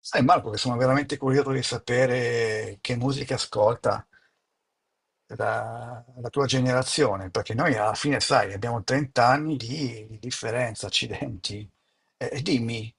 Sai Marco che sono veramente curioso di sapere che musica ascolta la tua generazione, perché noi alla fine, sai, abbiamo 30 anni di differenza, accidenti. E dimmi,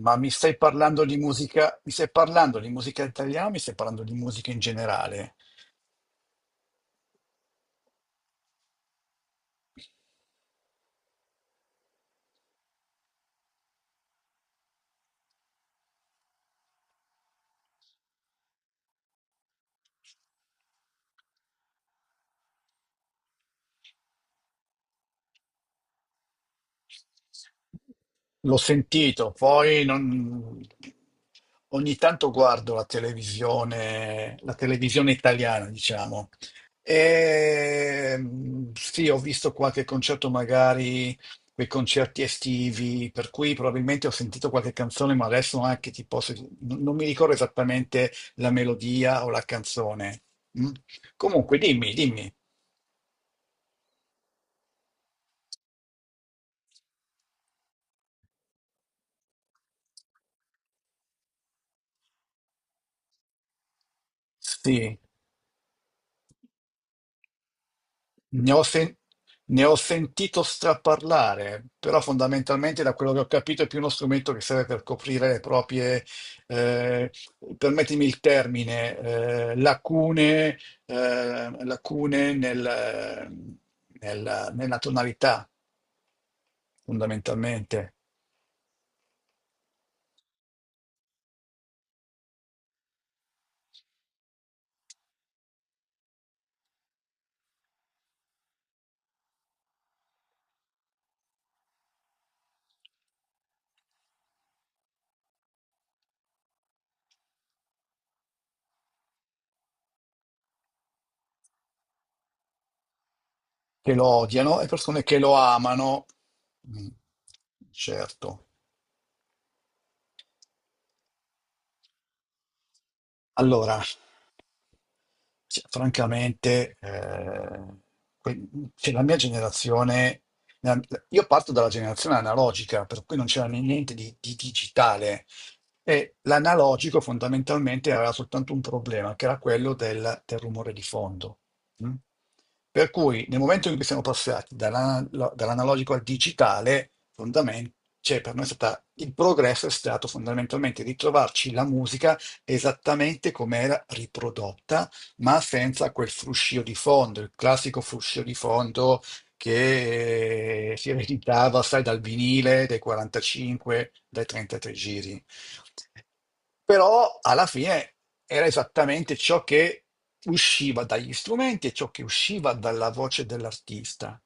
ma mi stai parlando di musica, mi stai parlando di musica italiana o mi stai parlando di musica in generale? L'ho sentito, poi non- ogni tanto guardo la televisione italiana, diciamo. E, mm, sì, ho visto qualche concerto, magari quei concerti estivi, per cui probabilmente ho sentito qualche canzone, ma adesso anche ti posso. Non mi ricordo esattamente la melodia o la canzone. Mm? Comunque, dimmi, dimmi. Sì. Ne ho, sen- Ne ho sentito straparlare, però fondamentalmente da quello che ho capito è più uno strumento che serve per coprire le proprie, eh, permettimi il termine, lacune, eh, lacune nel- nella tonalità, fondamentalmente, che lo odiano e persone che lo amano. Mm. Certo. Allora, cioè, francamente, que- cioè, la mia generazione, la- io parto dalla generazione analogica, per cui non c'era niente di digitale. E l'analogico fondamentalmente aveva soltanto un problema, che era quello del rumore di fondo. Mm? Per cui nel momento in cui siamo passati dall'analogico al digitale, cioè, per noi è stata, il progresso è stato fondamentalmente ritrovarci la musica esattamente come era riprodotta, ma senza quel fruscio di fondo, il classico fruscio di fondo che si ereditava, sai, dal vinile, dai 45, dai 33 giri. Però alla fine era esattamente ciò che usciva dagli strumenti e ciò che usciva dalla voce dell'artista.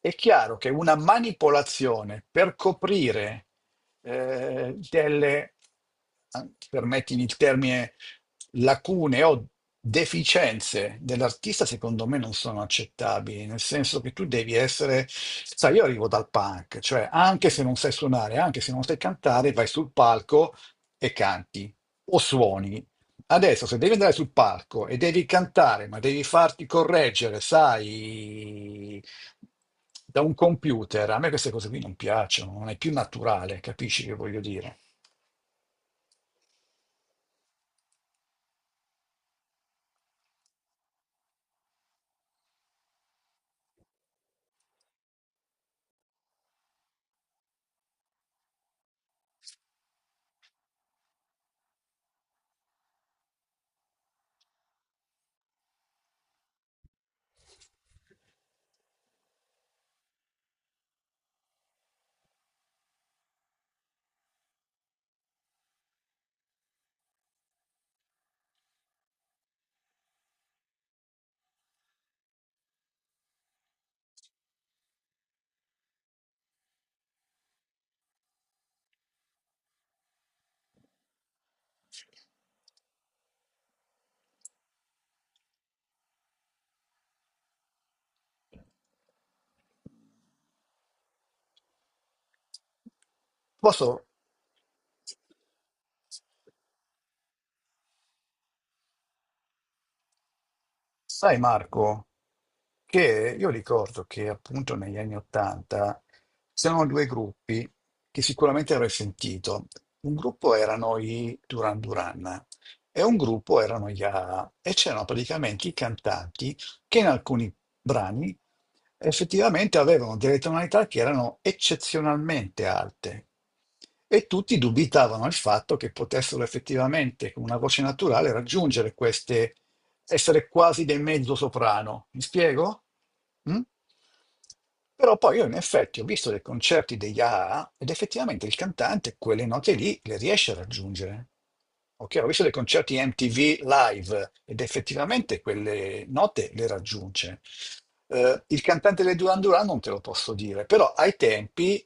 È chiaro che una manipolazione per coprire delle, permettimi il termine, lacune o deficienze dell'artista, secondo me non sono accettabili, nel senso che tu devi essere, sai, io arrivo dal punk, cioè anche se non sai suonare, anche se non sai cantare, vai sul palco e canti o suoni. Adesso, se devi andare sul palco e devi cantare, ma devi farti correggere, sai, da un computer, a me queste cose qui non piacciono, non è più naturale, capisci che voglio dire? Posso. Sai Marco, che io ricordo che appunto negli anni Ottanta c'erano due gruppi che sicuramente avrai sentito. Un gruppo erano i Duran Duran e un gruppo erano gli A A e c'erano praticamente i cantanti che in alcuni brani effettivamente avevano delle tonalità che erano eccezionalmente alte e tutti dubitavano il fatto che potessero effettivamente con una voce naturale raggiungere queste, essere quasi dei mezzo soprano. Mi spiego? Mm? Però poi io in effetti ho visto dei concerti degli AA ed effettivamente il cantante quelle note lì le riesce a raggiungere. Ok, ho visto dei concerti MTV live ed effettivamente quelle note le raggiunge. Il cantante dei Duran Duran non te lo posso dire, però ai tempi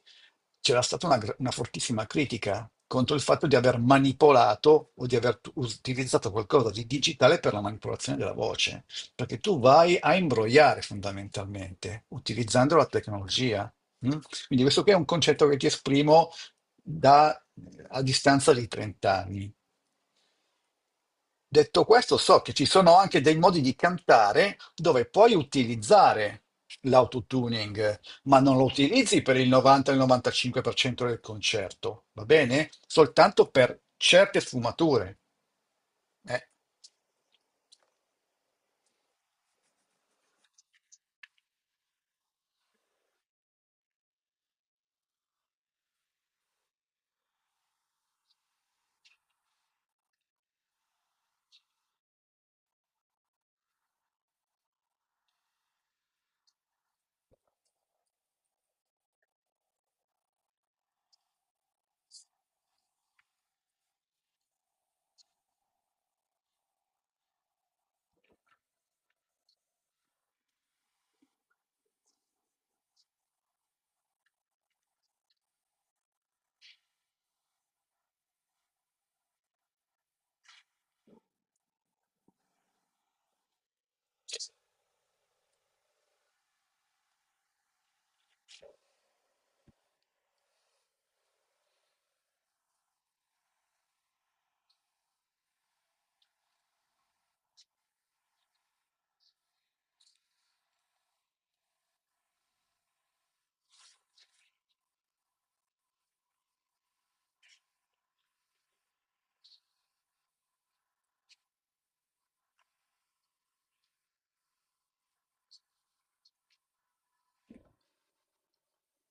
c'era stata una fortissima critica contro il fatto di aver manipolato o di aver utilizzato qualcosa di digitale per la manipolazione della voce, perché tu vai a imbrogliare fondamentalmente utilizzando la tecnologia. Mm? Quindi questo qui è un concetto che ti esprimo da, a distanza di 30 anni. Detto questo, so che ci sono anche dei modi di cantare dove puoi utilizzare l'autotuning, ma non lo utilizzi per il 90-95% del concerto, va bene? Soltanto per certe sfumature. eh.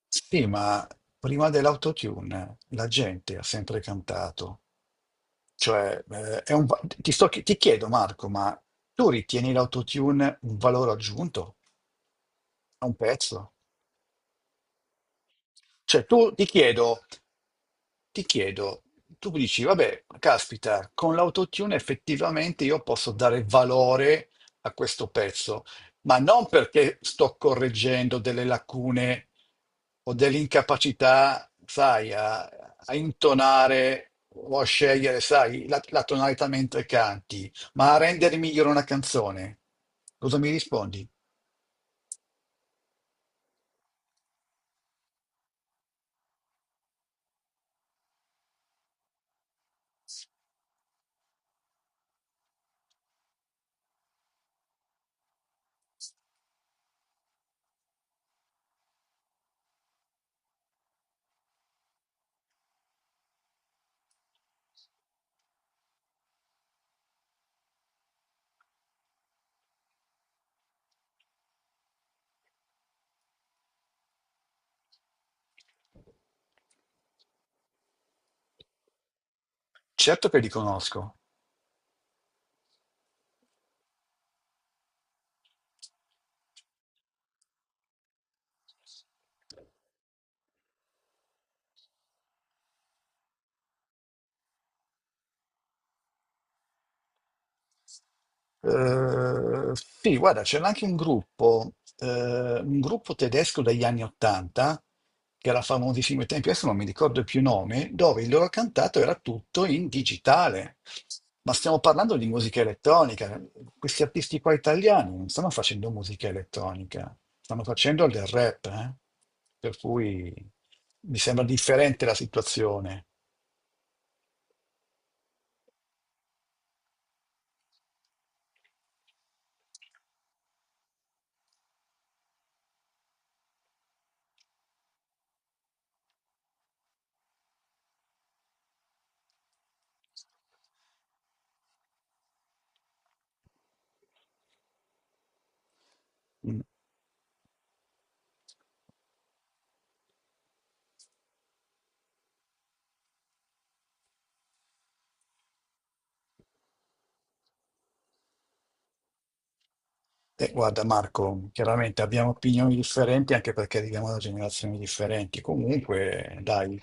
Sì, ma prima dell'autotune la gente ha sempre cantato. Cioè, è un va- ti sto chi- ti chiedo, Marco, ma tu ritieni l'autotune un valore aggiunto a un pezzo? Cioè, tu ti chiedo. Ti chiedo, tu dici, vabbè, caspita, con l'autotune effettivamente io posso dare valore a questo pezzo, ma non perché sto correggendo delle lacune o dell'incapacità, sai, a intonare o a scegliere, sai, la tonalità mentre canti, ma a rendere migliore una canzone. Cosa mi rispondi? Certo che li conosco. Sì, guarda, c'era anche un gruppo tedesco degli anni Ottanta, che era famosissimo ai tempi, adesso non mi ricordo più il nome, dove il loro cantato era tutto in digitale. Ma stiamo parlando di musica elettronica. Questi artisti qua italiani non stanno facendo musica elettronica, stanno facendo del rap, eh. Per cui mi sembra differente la situazione. Mm. Guarda Marco, chiaramente abbiamo opinioni differenti anche perché arriviamo da generazioni differenti. Comunque, dai,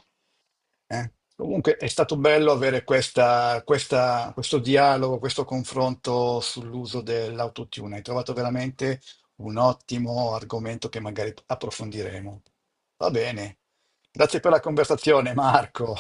eh. Comunque è stato bello avere questo dialogo, questo confronto sull'uso dell'autotune. Hai trovato veramente un ottimo argomento che magari approfondiremo. Va bene. Grazie per la conversazione, Marco.